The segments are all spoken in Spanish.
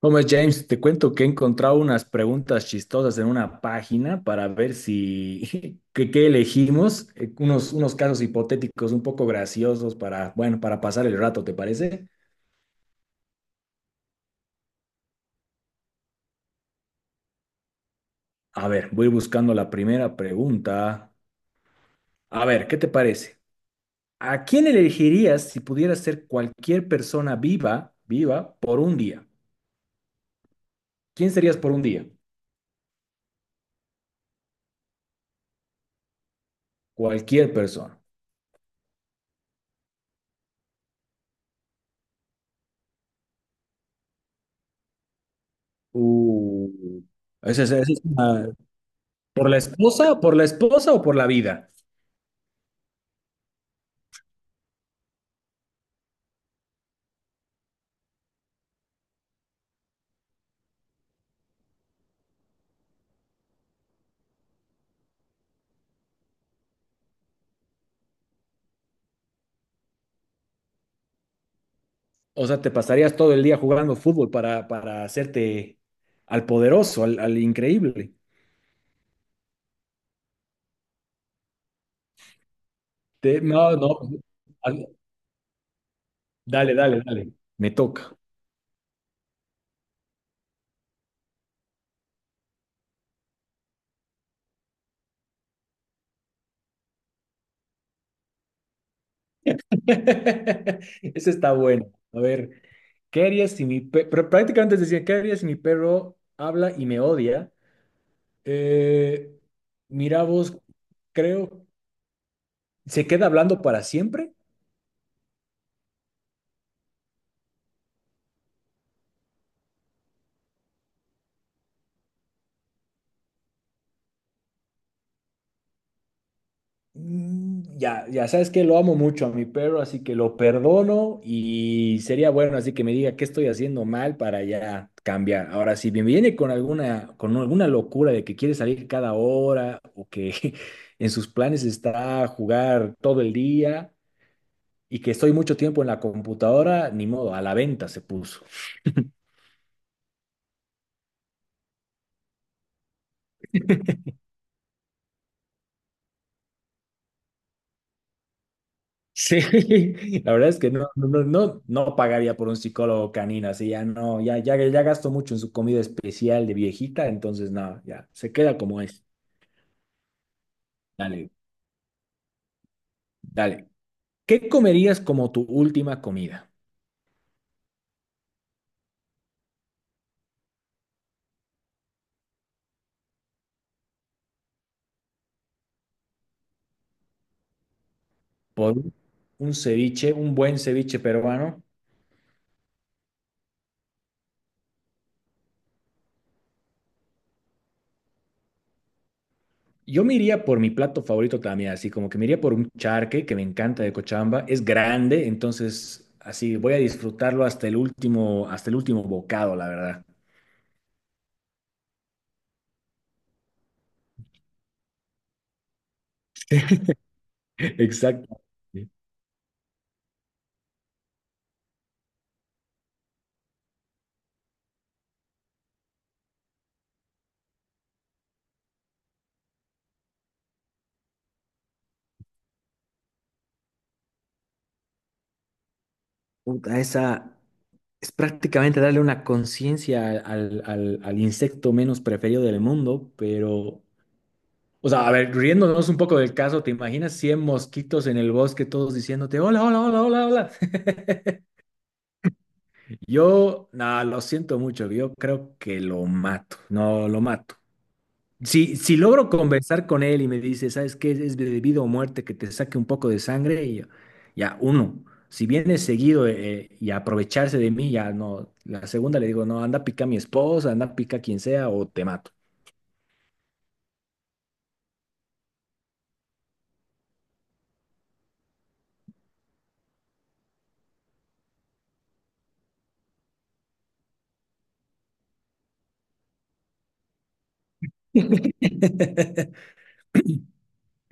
¿Cómo es, James? Te cuento que he encontrado unas preguntas chistosas en una página para ver si, que, qué elegimos, unos casos hipotéticos un poco graciosos bueno, para pasar el rato, ¿te parece? A ver, voy buscando la primera pregunta. A ver, ¿qué te parece? ¿A quién elegirías si pudieras ser cualquier persona viva, viva, por un día? ¿Quién serías por un día? Cualquier persona. Uh, esa es esa es una- por la esposa o por la vida? O sea, te pasarías todo el día jugando fútbol para hacerte al poderoso, al increíble. No, no. Ah, dale, dale, dale. Me toca. Ese está bueno. A ver, ¿qué haría si mi perro? Pero prácticamente decía, ¿qué haría si mi perro habla y me odia? Eh, mira vos, creo, ¿se queda hablando para siempre? Mm, ya, ya sabes que lo amo mucho a mi perro, así que lo perdono y sería bueno así que me diga qué estoy haciendo mal para ya cambiar. Ahora, si me viene con alguna locura de que quiere salir cada hora o que en sus planes está jugar todo el día y que estoy mucho tiempo en la computadora, ni modo, a la venta se puso. Sí, la verdad es que no, no, no, no no pagaría por un psicólogo canino, así ya no, ya, ya, ya gasto mucho en su comida especial de viejita, entonces nada, ya, se queda como es. Dale, dale. ¿Qué comerías como tu última comida? Por un ceviche, un buen ceviche peruano. Yo me iría por mi plato favorito también, así como que me iría por un charque que me encanta de Cochabamba, es grande, entonces así voy a disfrutarlo hasta el último bocado, la verdad. Exacto. Puta, esa es prácticamente darle una conciencia al insecto menos preferido del mundo, pero, o sea, a ver, riéndonos un poco del caso, ¿te imaginas 100 mosquitos en el bosque todos diciéndote, hola, hola, hola, hola, hola? Yo, nada, lo siento mucho, yo creo que lo mato, no, lo mato. Si, si logro conversar con él y me dice, ¿sabes qué? Es de vida o muerte que te saque un poco de sangre, y yo, ya, uno. Si viene seguido y aprovecharse de mí, ya no. La segunda le digo, no, anda pica a mi esposa, anda pica a quien sea o te mato.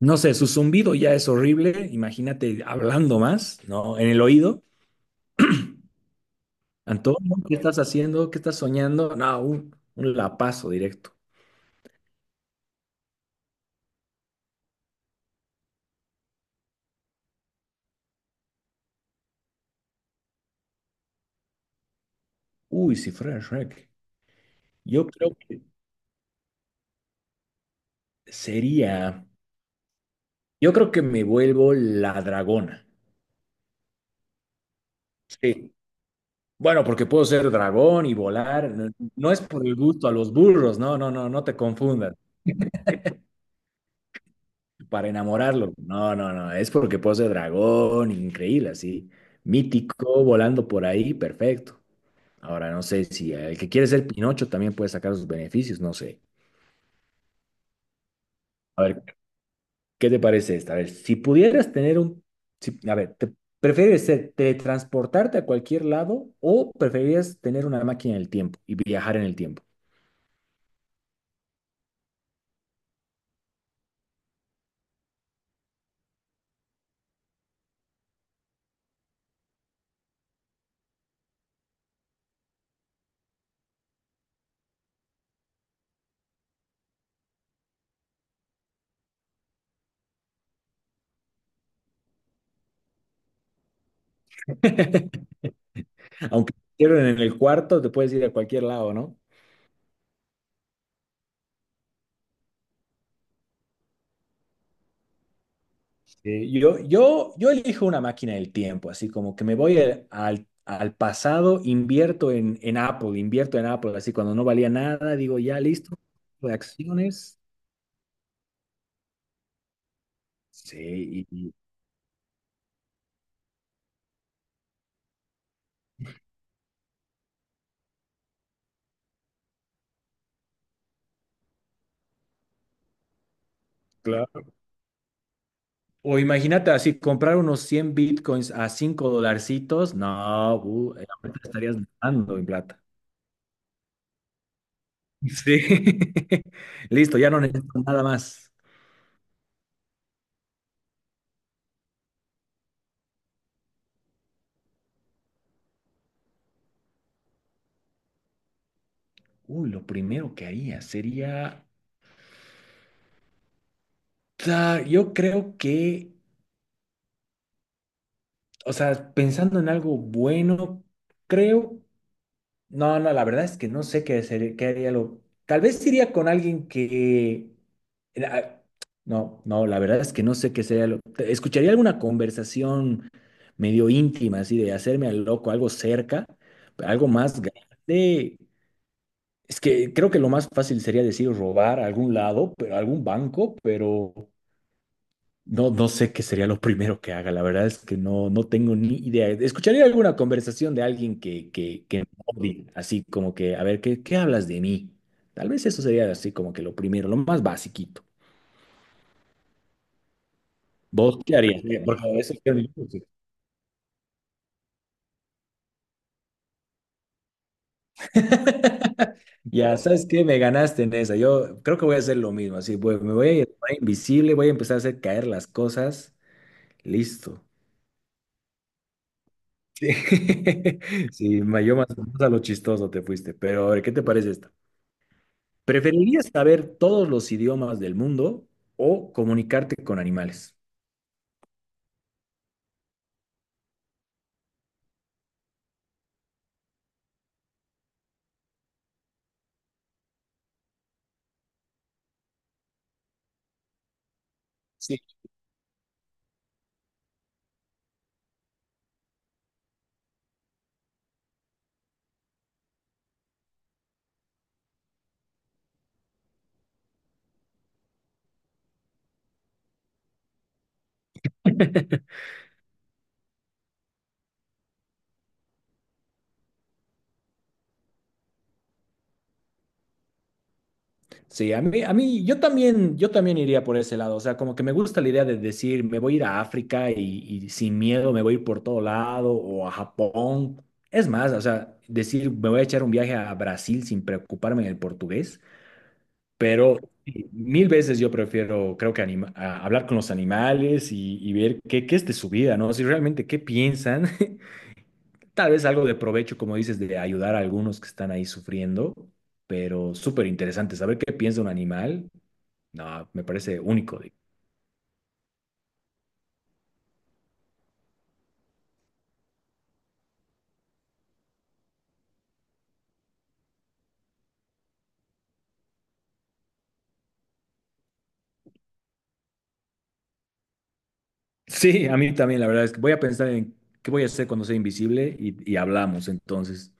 No sé, su zumbido ya es horrible. Imagínate hablando más, ¿no? En el oído. Antonio, ¿qué estás haciendo? ¿Qué estás soñando? No, un lapazo directo. Uy, si fuera Shrek. Yo creo que sería. Yo creo que me vuelvo la dragona. Sí. Bueno, porque puedo ser dragón y volar. No, no es por el gusto a los burros, no, no, no, no te confundas. Para enamorarlo. No, no, no. Es porque puedo ser dragón, increíble, así. Mítico, volando por ahí, perfecto. Ahora, no sé si el que quiere ser Pinocho también puede sacar sus beneficios, no sé. A ver, ¿qué te parece esta? A ver, si pudieras tener un. Si- a ver, ¿te prefieres ser- teletransportarte a cualquier lado o preferirías tener una máquina del tiempo y viajar en el tiempo? Aunque te hicieron en el cuarto, te puedes ir a cualquier lado, ¿no? Yo elijo una máquina del tiempo, así como que me voy al pasado, invierto en Apple, invierto en Apple, así cuando no valía nada, digo, ya listo, de acciones. Sí, y claro. O imagínate así, comprar unos 100 bitcoins a 5 dolarcitos, no, ahorita estarías ganando en plata. Sí. Listo, ya no necesito nada más. Uy, lo primero que haría sería, sea, yo creo que, o sea, pensando en algo bueno, creo, no, no, la verdad es que no sé qué haría lo, tal vez iría con alguien que, ah, no, no, la verdad es que no sé qué sería lo, escucharía alguna conversación medio íntima, así de hacerme al loco, algo cerca, algo más grande. Es que creo que lo más fácil sería decir robar a algún lado, pero a algún banco, pero. No, no sé qué sería lo primero que haga, la verdad es que no, no tengo ni idea. Escucharía alguna conversación de alguien que me odie, así como que, a ver, ¿qué hablas de mí? Tal vez eso sería así como que lo primero, lo más basiquito. ¿Vos qué harías? Porque a veces quiero- Ya, ¿sabes que me ganaste en esa? Yo creo que voy a hacer lo mismo, así, me voy a ir invisible, voy a empezar a hacer caer las cosas, listo. Sí, yo más, más a lo chistoso te fuiste, pero a ver, ¿qué te parece esta? ¿Preferirías saber todos los idiomas del mundo o comunicarte con animales? Sí. Sí, a mí, yo también iría por ese lado. O sea, como que me gusta la idea de decir, me voy a ir a África y sin miedo me voy a ir por todo lado o a Japón. Es más, o sea, decir, me voy a echar un viaje a Brasil sin preocuparme del portugués. Pero sí, mil veces yo prefiero, creo que hablar con los animales y ver qué es de su vida, ¿no? Si realmente qué piensan Tal vez algo de provecho, como dices, de ayudar a algunos que están ahí sufriendo, pero súper interesante. Saber qué piensa un animal, no, me parece único, digo. Sí, a mí también, la verdad es que voy a pensar en qué voy a hacer cuando sea invisible y hablamos entonces.